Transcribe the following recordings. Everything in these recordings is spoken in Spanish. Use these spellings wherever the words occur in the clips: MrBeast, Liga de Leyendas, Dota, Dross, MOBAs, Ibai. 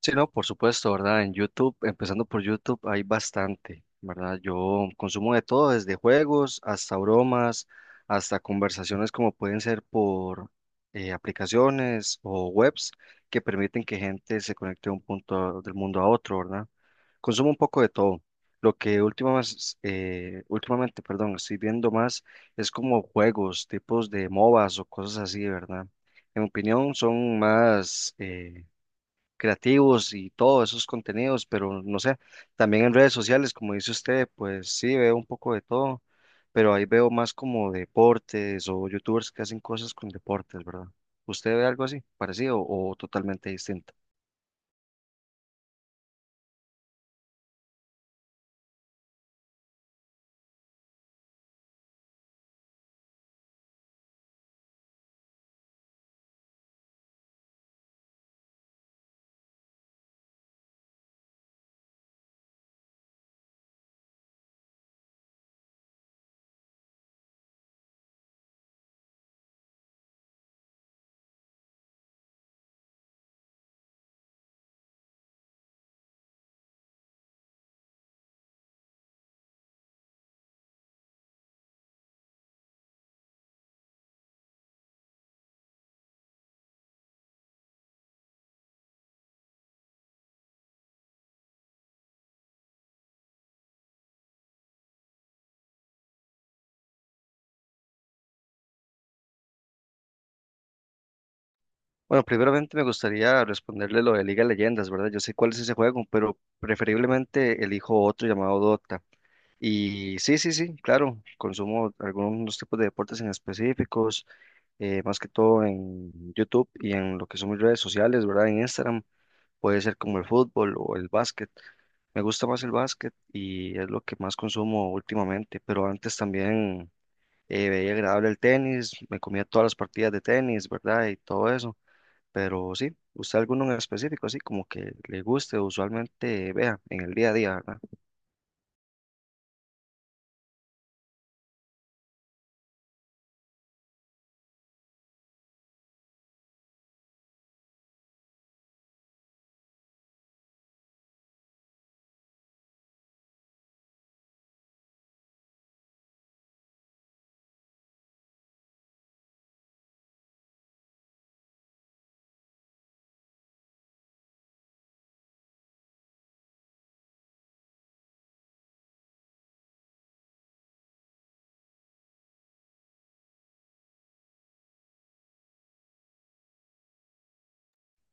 Sí, no, por supuesto, ¿verdad? En YouTube, empezando por YouTube, hay bastante, ¿verdad? Yo consumo de todo, desde juegos hasta bromas, hasta conversaciones como pueden ser por aplicaciones o webs que permiten que gente se conecte de un punto del mundo a otro, ¿verdad? Consumo un poco de todo. Lo que últimamente, perdón, estoy viendo más es como juegos, tipos de MOBAs o cosas así, ¿verdad? En mi opinión, son más creativos y todos esos contenidos, pero no sé, también en redes sociales, como dice usted, pues sí, veo un poco de todo, pero ahí veo más como deportes o youtubers que hacen cosas con deportes, ¿verdad? ¿Usted ve algo así, parecido o totalmente distinto? Bueno, primeramente me gustaría responderle lo de Liga de Leyendas, ¿verdad? Yo sé cuál es ese juego, pero preferiblemente elijo otro llamado Dota. Y sí, sí, sí, claro, consumo algunos tipos de deportes en específicos, más que todo en YouTube y en lo que son mis redes sociales, ¿verdad? En Instagram puede ser como el fútbol o el básquet. Me gusta más el básquet y es lo que más consumo últimamente, pero antes también veía agradable el tenis, me comía todas las partidas de tenis, ¿verdad? Y todo eso, pero sí, ¿usted alguno en específico, así como que le guste, usualmente vea en el día a día, ¿verdad?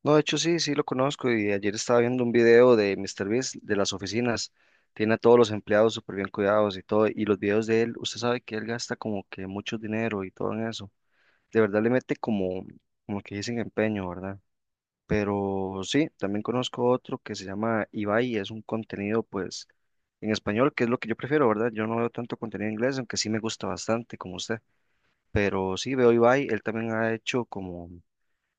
No, de hecho sí, sí lo conozco y ayer estaba viendo un video de MrBeast de las oficinas. Tiene a todos los empleados súper bien cuidados y todo. Y los videos de él, usted sabe que él gasta como que mucho dinero y todo en eso. De verdad le mete como, como que dicen empeño, ¿verdad? Pero sí, también conozco otro que se llama Ibai, es un contenido pues en español, que es lo que yo prefiero, ¿verdad? Yo no veo tanto contenido en inglés, aunque sí me gusta bastante como usted. Pero sí veo Ibai, él también ha hecho como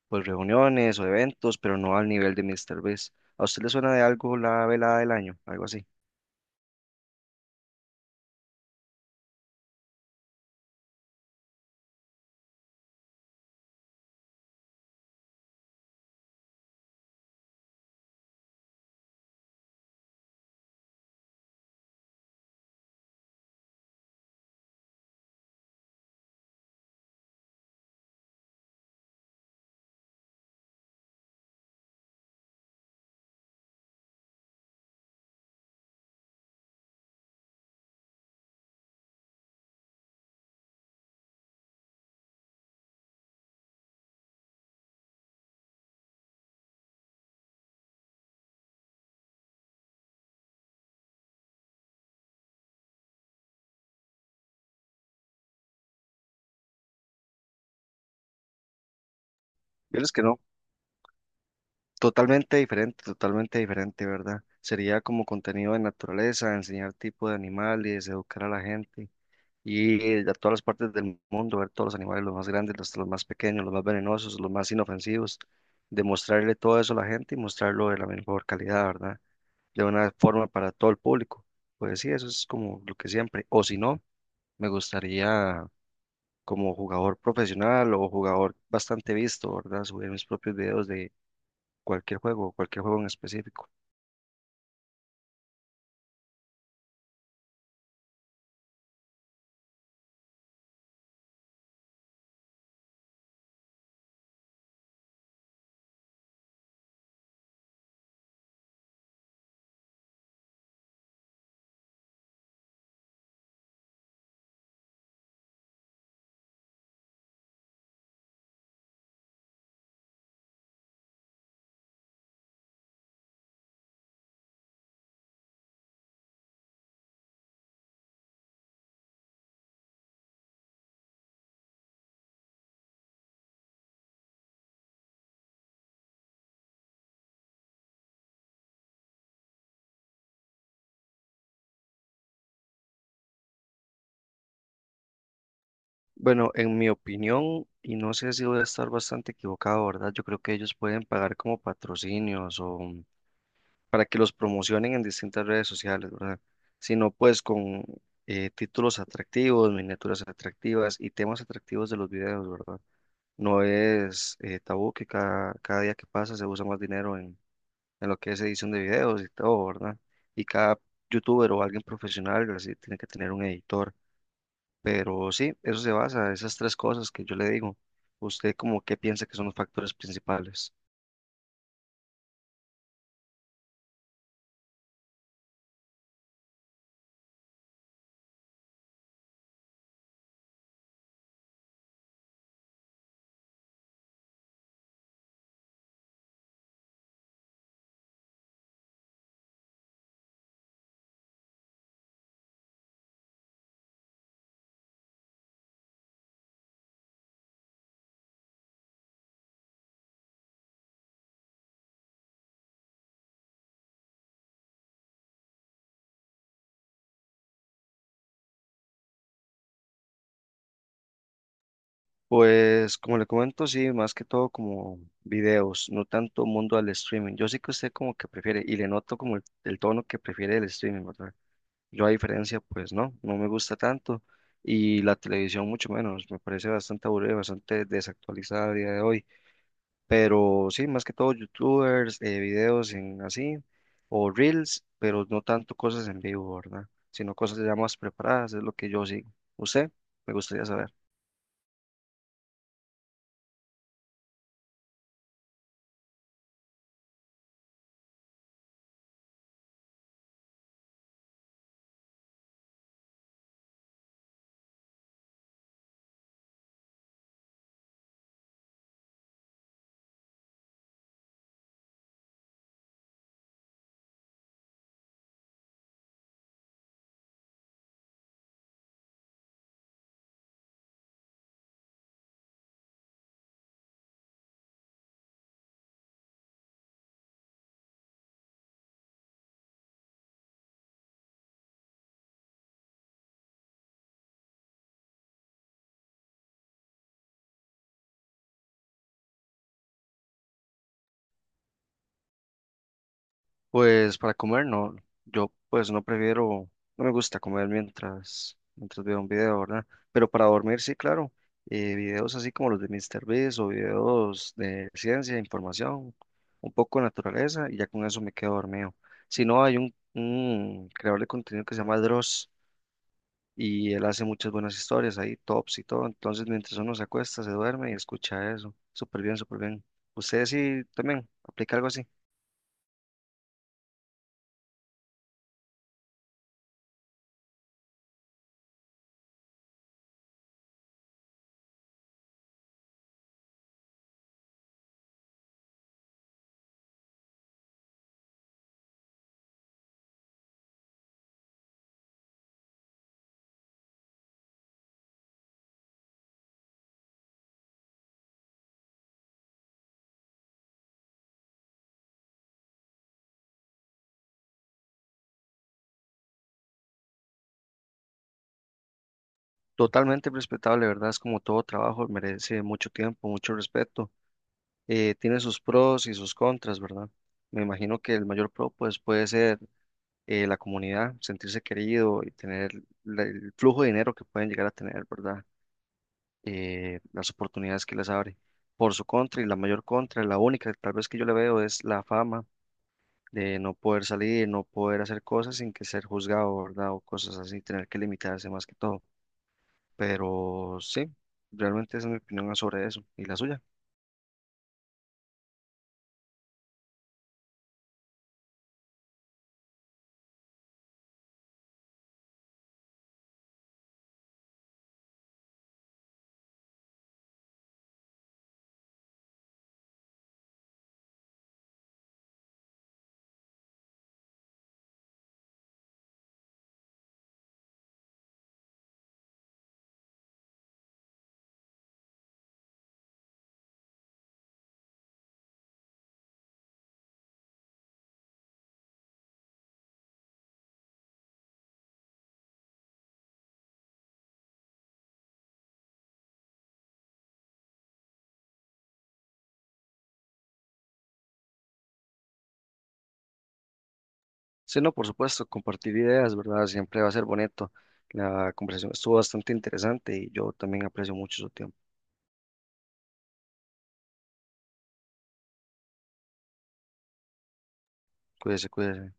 pues reuniones o eventos, pero no al nivel de Mr. Beast. ¿A usted le suena de algo la velada del año? Algo así. Yo es que no. Totalmente diferente, ¿verdad? Sería como contenido de naturaleza, enseñar tipo de animales, educar a la gente y a todas las partes del mundo, ver todos los animales, los más grandes, los más pequeños, los más venenosos, los más inofensivos, demostrarle todo eso a la gente y mostrarlo de la mejor calidad, ¿verdad? De una forma para todo el público. Pues sí, eso es como lo que siempre. O si no, me gustaría como jugador profesional o jugador bastante visto, ¿verdad? Subir mis propios videos de cualquier juego en específico. Bueno, en mi opinión, y no sé si voy a estar bastante equivocado, ¿verdad? Yo creo que ellos pueden pagar como patrocinios o para que los promocionen en distintas redes sociales, ¿verdad? Sino pues con títulos atractivos, miniaturas atractivas y temas atractivos de los videos, ¿verdad? No es tabú que cada día que pasa se usa más dinero en lo que es edición de videos y todo, ¿verdad? Y cada youtuber o alguien profesional así tiene que tener un editor. Pero sí, eso se basa, esas tres cosas que yo le digo. ¿Usted como qué piensa que son los factores principales? Pues como le comento, sí, más que todo como videos, no tanto mundo al streaming. Yo sí que usted como que prefiere y le noto como el tono que prefiere el streaming, ¿verdad? Yo a diferencia, pues no, no me gusta tanto y la televisión mucho menos, me parece bastante aburrida, bastante desactualizada a día de hoy. Pero sí, más que todo youtubers, videos en así, o reels, pero no tanto cosas en vivo, ¿verdad? Sino cosas ya más preparadas, es lo que yo sigo. ¿Usted? Me gustaría saber. Pues para comer, no, yo pues no prefiero, no me gusta comer mientras veo un video, ¿verdad? Pero para dormir, sí, claro, videos así como los de Mister MrBeast o videos de ciencia, información, un poco de naturaleza, y ya con eso me quedo dormido. Si no, hay un creador de contenido que se llama Dross y él hace muchas buenas historias ahí, tops y todo. Entonces, mientras uno se acuesta, se duerme y escucha eso. Súper bien, súper bien. Ustedes sí también aplica algo así. Totalmente respetable, ¿verdad? Es como todo trabajo, merece mucho tiempo, mucho respeto. Tiene sus pros y sus contras, ¿verdad? Me imagino que el mayor pro, pues, puede ser la comunidad, sentirse querido y tener el flujo de dinero que pueden llegar a tener, ¿verdad? Las oportunidades que les abre. Por su contra y la mayor contra, la única tal vez que yo le veo es la fama de no poder salir, no poder hacer cosas sin que ser juzgado, ¿verdad? O cosas así, tener que limitarse más que todo. Pero sí, realmente esa es mi opinión sobre eso y la suya. Sí, no, por supuesto, compartir ideas, ¿verdad? Siempre va a ser bonito. La conversación estuvo bastante interesante y yo también aprecio mucho su tiempo. Cuídese, cuídese.